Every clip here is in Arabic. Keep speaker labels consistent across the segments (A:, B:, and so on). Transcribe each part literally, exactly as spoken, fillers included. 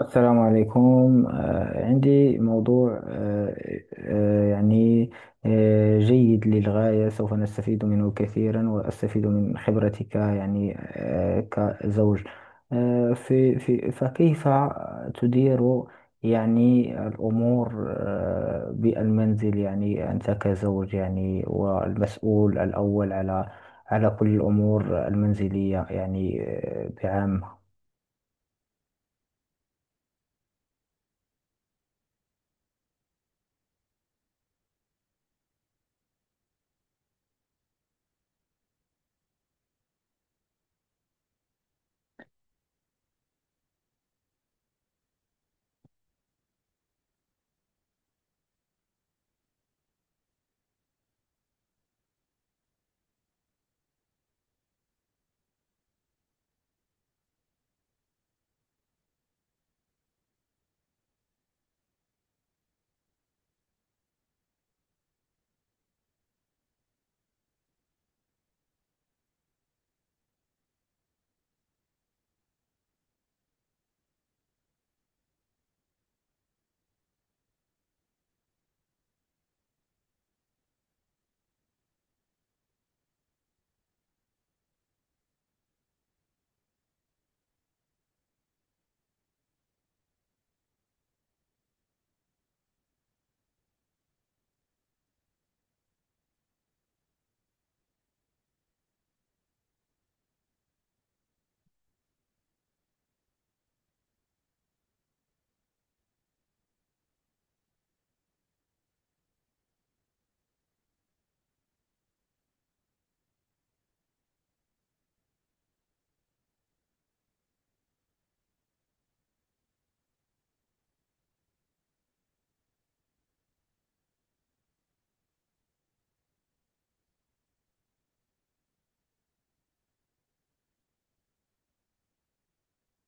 A: السلام عليكم آه، عندي موضوع آه، آه، يعني آه، جيد للغاية، سوف نستفيد منه كثيرا وأستفيد من خبرتك، يعني آه، كزوج. آه، في في فكيف تدير يعني الأمور آه، بالمنزل، يعني أنت كزوج، يعني والمسؤول الأول على على كل الأمور المنزلية، يعني آه، بعامة.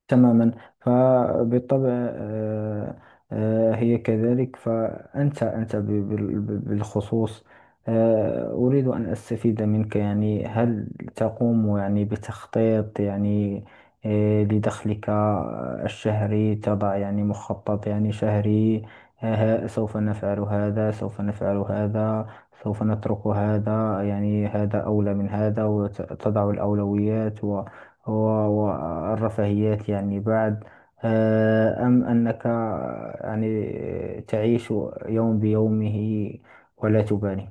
A: تماما. فبالطبع، آه، آه، هي كذلك. فأنت أنت ب- بال- بال- بالخصوص. آه، أريد أن أستفيد منك، يعني هل تقوم يعني بتخطيط، يعني آه، لدخلك الشهري؟ تضع يعني مخطط يعني شهري آه، ها- سوف نفعل هذا، سوف نفعل هذا، سوف نترك هذا، يعني هذا أولى من هذا، وتضع الأولويات هو، والرفاهيات يعني بعد. آه، أم أنك آه، يعني تعيش يوم بيومه ولا تبالي؟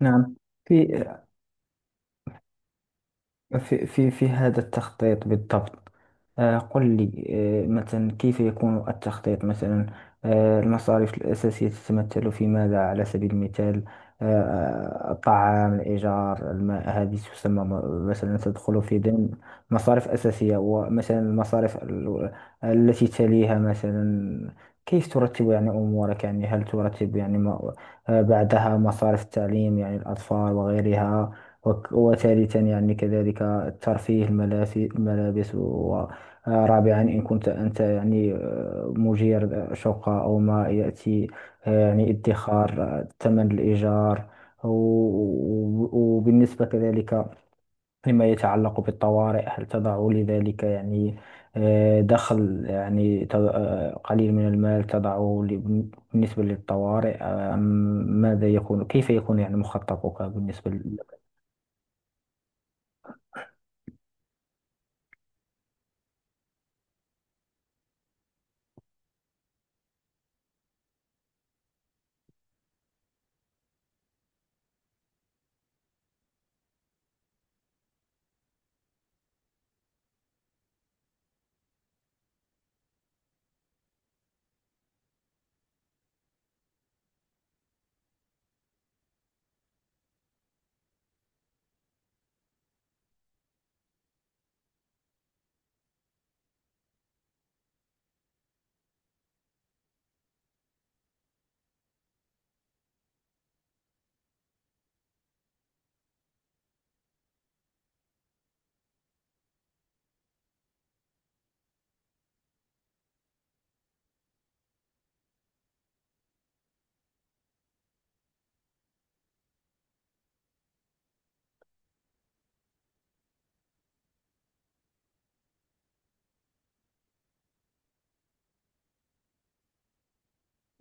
A: نعم، في في في في هذا التخطيط بالضبط. آه، قل لي، آه، مثلا كيف يكون التخطيط؟ مثلا آه، المصاريف الأساسية تتمثل في ماذا على سبيل المثال؟ آه، الطعام، الإيجار، الماء، هذه تسمى م- مثلا تدخل في ضمن مصاريف أساسية. ومثلا المصاريف ال- التي تليها، مثلا كيف ترتب يعني أمورك، يعني هل ترتب يعني ما- آه، بعدها مصاريف التعليم، يعني الأطفال وغيرها. وك- وثالثا يعني كذلك الترفيه، الملافي- الملابس، ورابعا إن كنت أنت يعني آه، مدير شقة أو ما يأتي، آه، يعني ادخار آه، ثمن الإيجار. و- و- وبالنسبة كذلك لما يتعلق بالطوارئ، هل تضع لذلك يعني آه، دخل، يعني ت- آه، قليل من المال تضعه ل- بالنسبة للطوارئ؟ آه، أم ماذا يكون؟ كيف يكون يعني مخططك بالنسبة ل-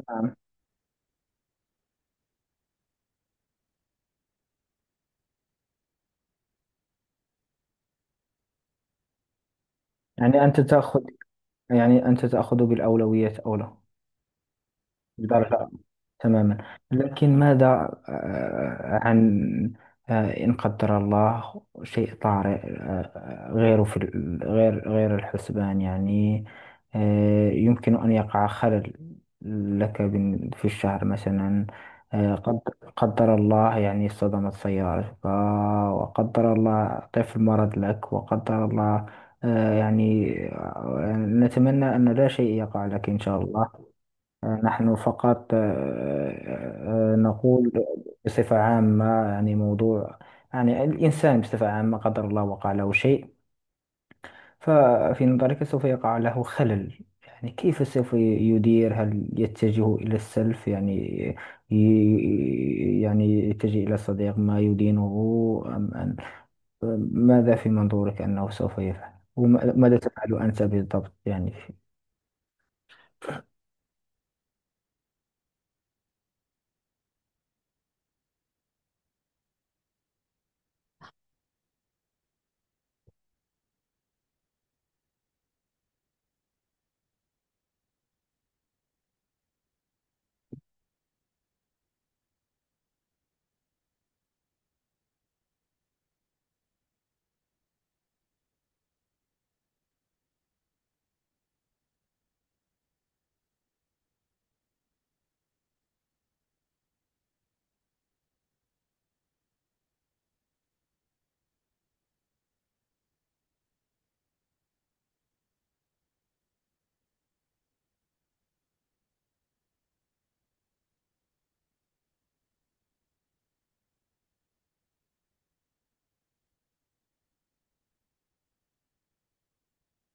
A: نعم. يعني أنت تأخذ يعني أنت تأخذ بالأولويات أولى. بالفعل، تماما. لكن ماذا آه، عن آه، إن قدر الله شيء طارئ، آه، غير في ال- غير غير الحسبان؟ يعني آه، يمكن أن يقع خلل لك بال- في الشهر مثلا. آه، قد قدر الله يعني صدمت سيارتك، وقدر الله طفل مرض لك، وقدر الله آه، يعني آه، نتمنى أن لا شيء يقع لك، إن شاء الله. نحن فقط آه، آه، نقول بصفة عامة، يعني موضوع، يعني الإنسان بصفة عامة قدر الله وقع له شيء، ففي نظرك سوف يقع له خلل. يعني كيف سوف يدير؟ هل يتجه إلى السلف، يعني ي- يعني يتجه إلى صديق ما يدينه؟ أم أن ماذا في منظورك أنه سوف يفعل؟ وماذا تفعل أنت بالضبط يعني؟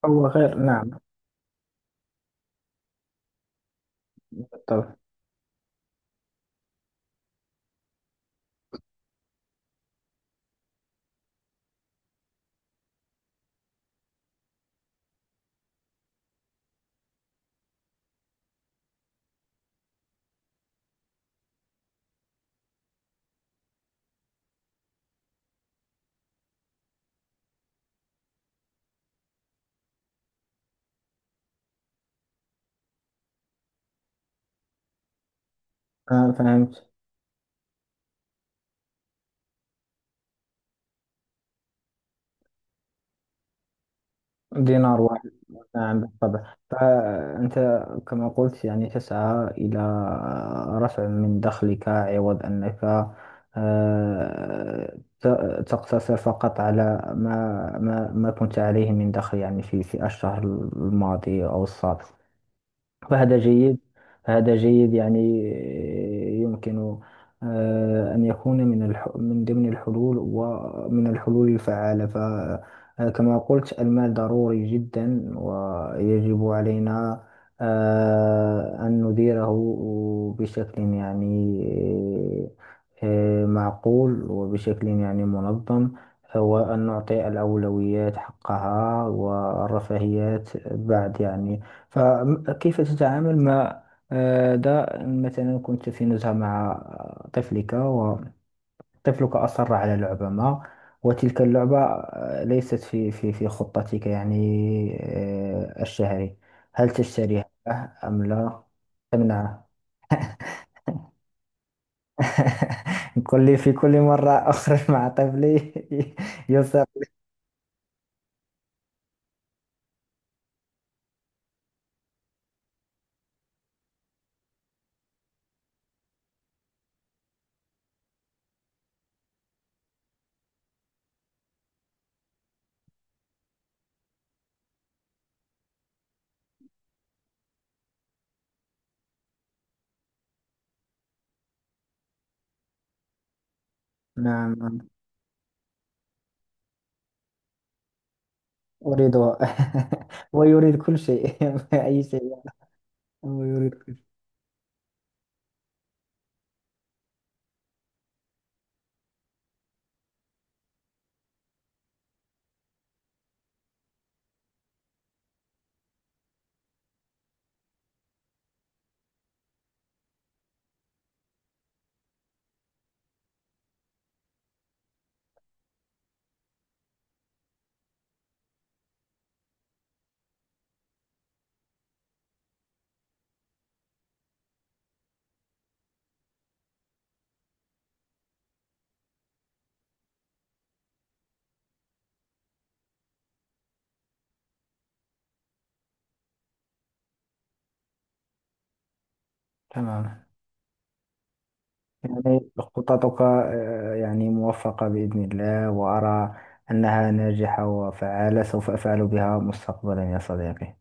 A: أو غير، نعم، بالضبط. آه، فهمت دينار. نعم، بالطبع. فأنت كما قلت يعني تسعى إلى رفع من دخلك عوض أنك آه، ت- تقتصر فقط على ما ما ما كنت عليه من دخل، يعني في في الشهر الماضي أو السابق. فهذا جيد، فهذا جيد. يعني يمكن آه، أن يكون من الح... من ضمن الحلول ومن الحلول الفعالة. فكما قلت المال ضروري جدا، ويجب علينا آه، أن نديره بشكل يعني آه، معقول، وبشكل يعني منظم، وأن نعطي الأولويات حقها، والرفاهيات بعد يعني. فكيف تتعامل مع آه، ده مثلا كنت في نزهة مع طفلك، وطفلك أصر على لعبة ما، وتلك اللعبة آه، ليست في في في خطتك، يعني آه، الشهري؟ هل تشتريها أم لا تمنعه؟ كل في كل مرة أخرج مع طفلي يصر. نعم، نعم. أريده. ويريد كل شيء، أي شيء، ويريد كل شيء. تمام. يعني خططك آه، يعني موفقة بإذن الله، وأرى أنها ناجحة وفعالة، سوف أفعل بها مستقبلا يا صديقي.